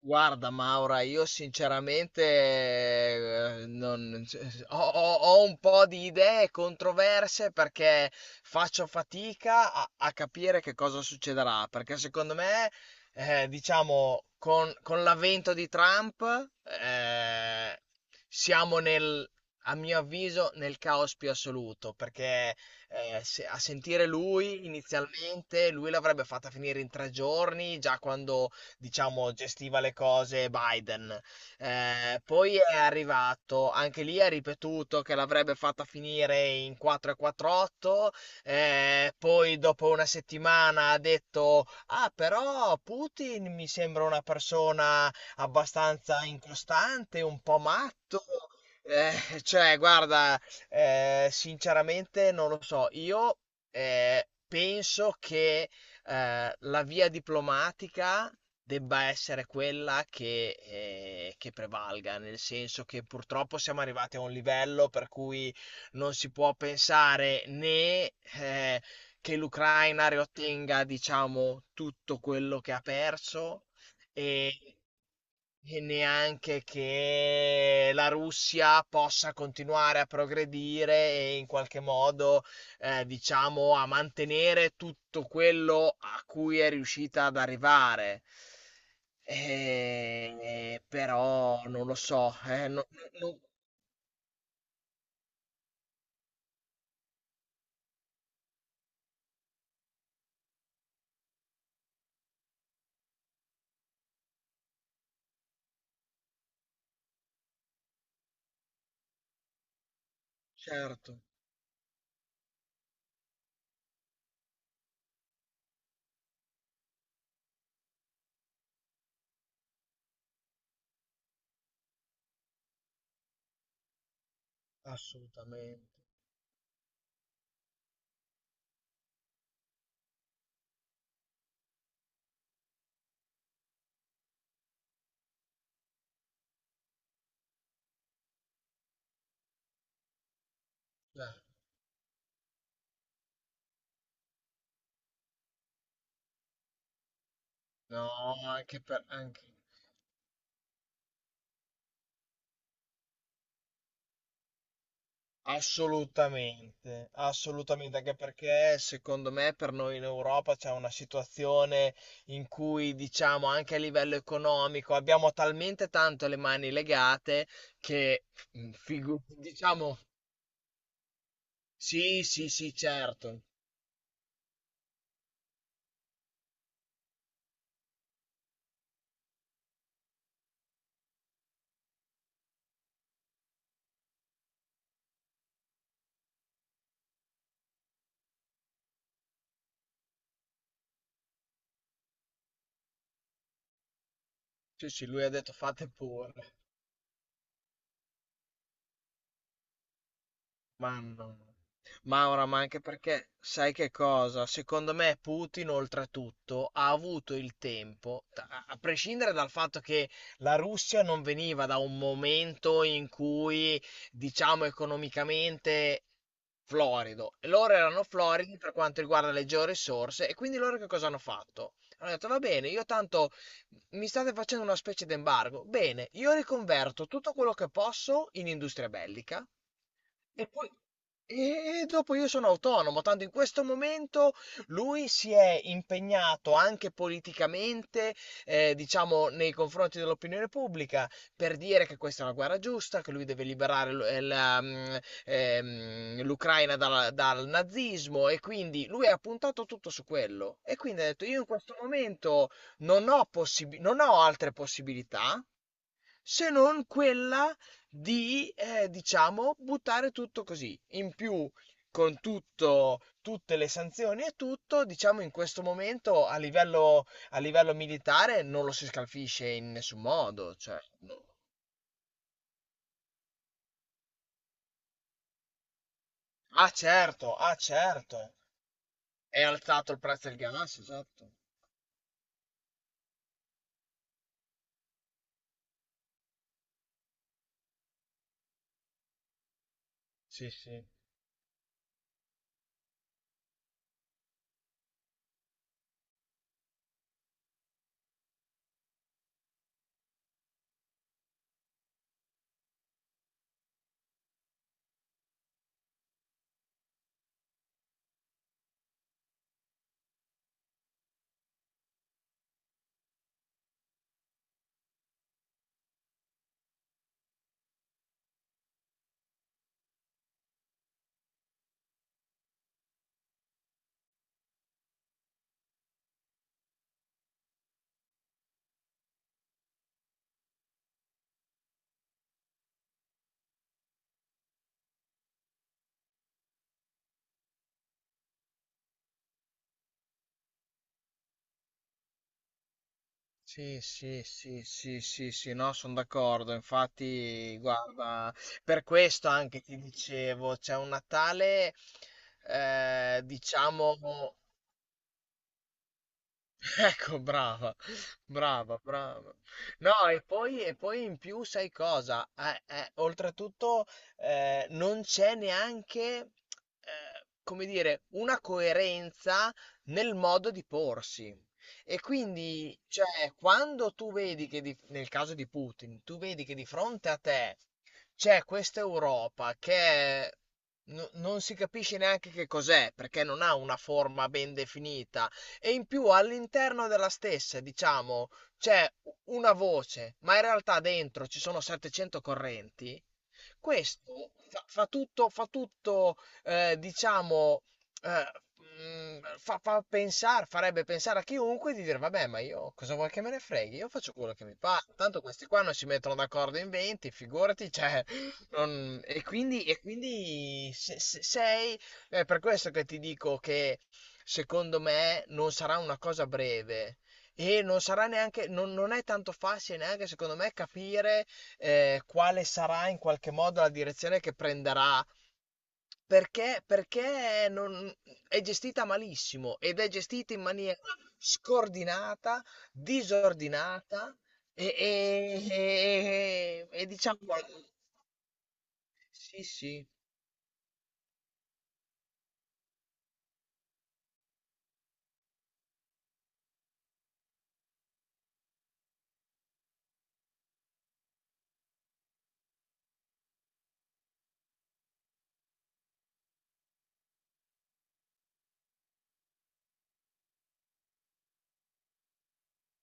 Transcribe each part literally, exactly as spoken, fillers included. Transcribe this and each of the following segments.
Guarda Maura, io sinceramente eh, non- ho, ho- ho un po' di idee controverse perché faccio fatica a, a capire che cosa succederà, perché secondo me, eh, diciamo, con, con l'avvento di Trump, eh, siamo nel, a mio avviso, nel caos più assoluto, perché eh, se- a sentire lui inizialmente, lui l'avrebbe fatta finire in tre giorni, già quando diciamo, gestiva le cose Biden. Eh, poi è arrivato, anche lì ha ripetuto che l'avrebbe fatta finire in quattro quattro-otto, eh, poi dopo una settimana ha detto, ah però Putin mi sembra una persona abbastanza incostante, un po' matto. Eh, cioè, guarda, eh, sinceramente non lo so. Io eh, penso che eh, la via diplomatica debba essere quella che, ehm, che prevalga, nel senso che purtroppo siamo arrivati a un livello per cui non si può pensare né, ehm, che l'Ucraina riottenga, diciamo, tutto quello che ha perso e e neanche che la Russia possa continuare a progredire e in qualche modo, eh, diciamo, a mantenere tutto quello a cui è riuscita ad arrivare. Eh, però non lo so, eh, no- no- certo, assolutamente. Cioè, no, anche per, anche- assolutamente, assolutamente, anche perché secondo me per noi in Europa c'è una situazione in cui, diciamo, anche a livello economico abbiamo talmente tanto le mani legate che, mm, figu- diciamo, sì, sì, sì, certo. Sì, sì, lui ha detto fate pure, ma no. No. Maura, ma anche perché sai che cosa? Secondo me Putin, oltretutto, ha avuto il tempo, a a prescindere dal fatto che la Russia non veniva da un momento in cui, diciamo, economicamente florido, e loro erano floridi per quanto riguarda le georisorse, e quindi loro che cosa hanno fatto? Hanno detto, va bene, io tanto mi state facendo una specie di embargo. Bene, io riconverto tutto quello che posso in industria bellica e poi, e dopo io sono autonomo, tanto in questo momento lui si è impegnato anche politicamente, eh, diciamo, nei confronti dell'opinione pubblica per dire che questa è una guerra giusta, che lui deve liberare l- eh, la, mm, ehm, l'Ucraina dalla- dal nazismo e quindi lui ha puntato tutto su quello. E quindi ha detto, io in questo momento non ho possib- non ho altre possibilità se non quella di, eh, diciamo, buttare tutto così. In più, con tutto, tutte le sanzioni e tutto, diciamo, in questo momento a livello, a livello militare non lo si scalfisce in nessun modo. Cioè, no. Ah, certo, ah, certo. È alzato il prezzo del gas, esatto. Sì, sì. Sì, sì, sì, sì, sì, sì, no, sono d'accordo. Infatti, guarda, per questo anche ti dicevo, c'è un Natale, eh, diciamo. Ecco, brava, brava, brava. No, e poi, e poi in più sai cosa? Eh, eh, oltretutto eh, non c'è neanche, eh, come dire, una coerenza nel modo di porsi. E quindi, cioè, quando tu vedi che, di- nel caso di Putin, tu vedi che di fronte a te c'è questa Europa che è- no- non si capisce neanche che cos'è, perché non ha una forma ben definita e in più all'interno della stessa, diciamo, c'è una voce, ma in realtà dentro ci sono settecento correnti, questo fa, fa tutto, fa tutto eh, diciamo, eh, mm, fa, fa pensare, farebbe pensare a chiunque di dire, vabbè, ma io cosa vuoi che me ne freghi? Io faccio quello che mi pare. Tanto questi qua non si mettono d'accordo in venti, figurati, cioè, non- E quindi, e quindi se- se- sei è per questo che ti dico che secondo me non sarà una cosa breve e non sarà neanche, non, non è tanto facile neanche secondo me capire eh, quale sarà in qualche modo la direzione che prenderà. Perché, perché non- È gestita malissimo ed è gestita in maniera scordinata, disordinata e, e- e- e diciamo... Sì, sì,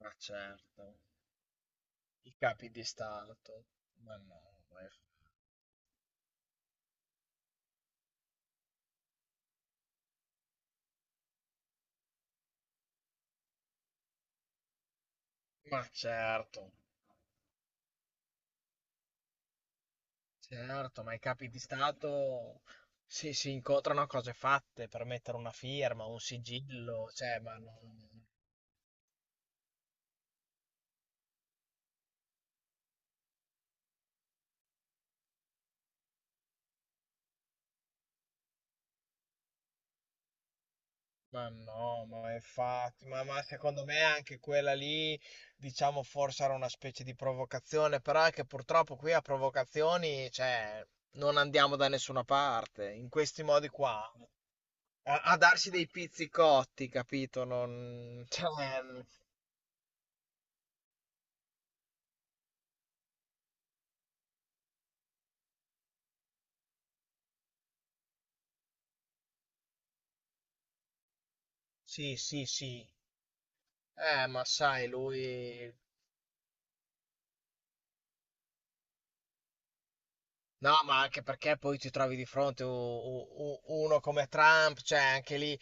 ma certo. I capi di stato. Ma no, ma, è- Ma certo, certo, ma i capi di stato si, si incontrano a cose fatte per mettere una firma, un sigillo, cioè, ma no, ma no, ma infatti, ma, ma secondo me anche quella lì, diciamo, forse era una specie di provocazione, però è che purtroppo qui a provocazioni, cioè, non andiamo da nessuna parte, in questi modi qua a, a darsi dei pizzicotti, capito? Non, cioè, sì, sì, sì. Eh, ma sai, lui... No, ma anche perché poi ti trovi di fronte u- u- u- uno come Trump, cioè anche lì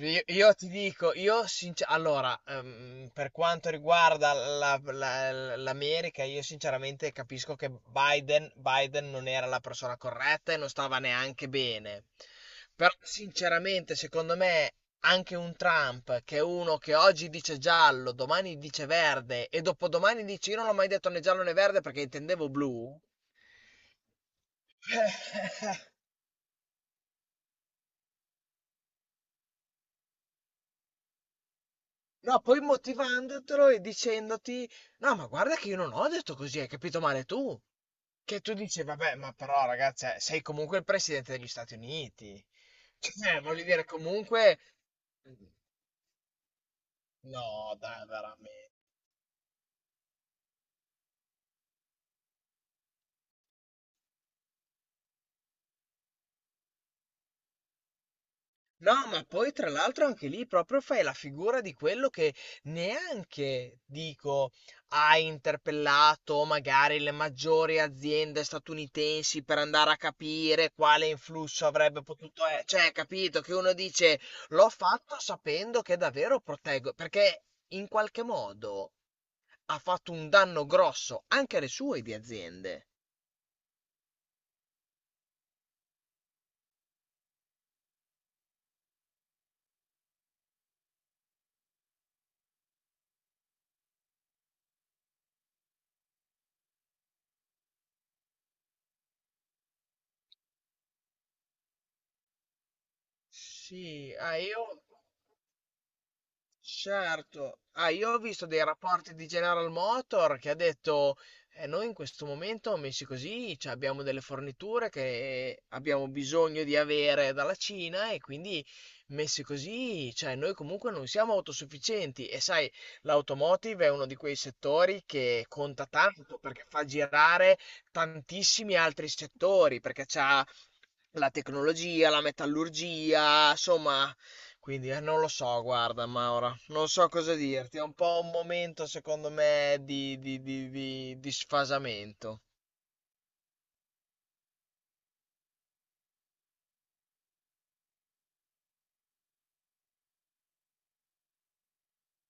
io, io ti dico, io sincer- allora, ehm, per quanto riguarda la- la- l'America, io sinceramente capisco che Biden, Biden non era la persona corretta e non stava neanche bene. Però sinceramente, secondo me, anche un Trump, che è uno che oggi dice giallo, domani dice verde e dopodomani dice io non l'ho mai detto né giallo né verde perché intendevo blu. No, poi motivandotelo e dicendoti: no, ma guarda che io non ho detto così, hai capito male tu. Che tu dici, vabbè, ma però, ragazzi, eh, sei comunque il presidente degli Stati Uniti. Cioè, voglio dire, comunque. No, dai, veramente. No, ma poi tra l'altro anche lì proprio fai la figura di quello che neanche, dico, ha interpellato magari le maggiori aziende statunitensi per andare a capire quale influsso avrebbe potuto essere. Cioè, capito che uno dice l'ho fatto sapendo che davvero proteggo, perché in qualche modo ha fatto un danno grosso anche alle sue di aziende. Sì, ah, io certo, ah, io ho visto dei rapporti di General Motor che ha detto, eh, noi in questo momento, messi così, cioè, abbiamo delle forniture che abbiamo bisogno di avere dalla Cina e quindi messi così, cioè, noi comunque non siamo autosufficienti e sai, l'automotive è uno di quei settori che conta tanto perché fa girare tantissimi altri settori, perché c'ha la tecnologia, la metallurgia, insomma, quindi eh, non lo so, guarda Maura, non so cosa dirti, è un po' un momento secondo me di, di- di- di- di sfasamento.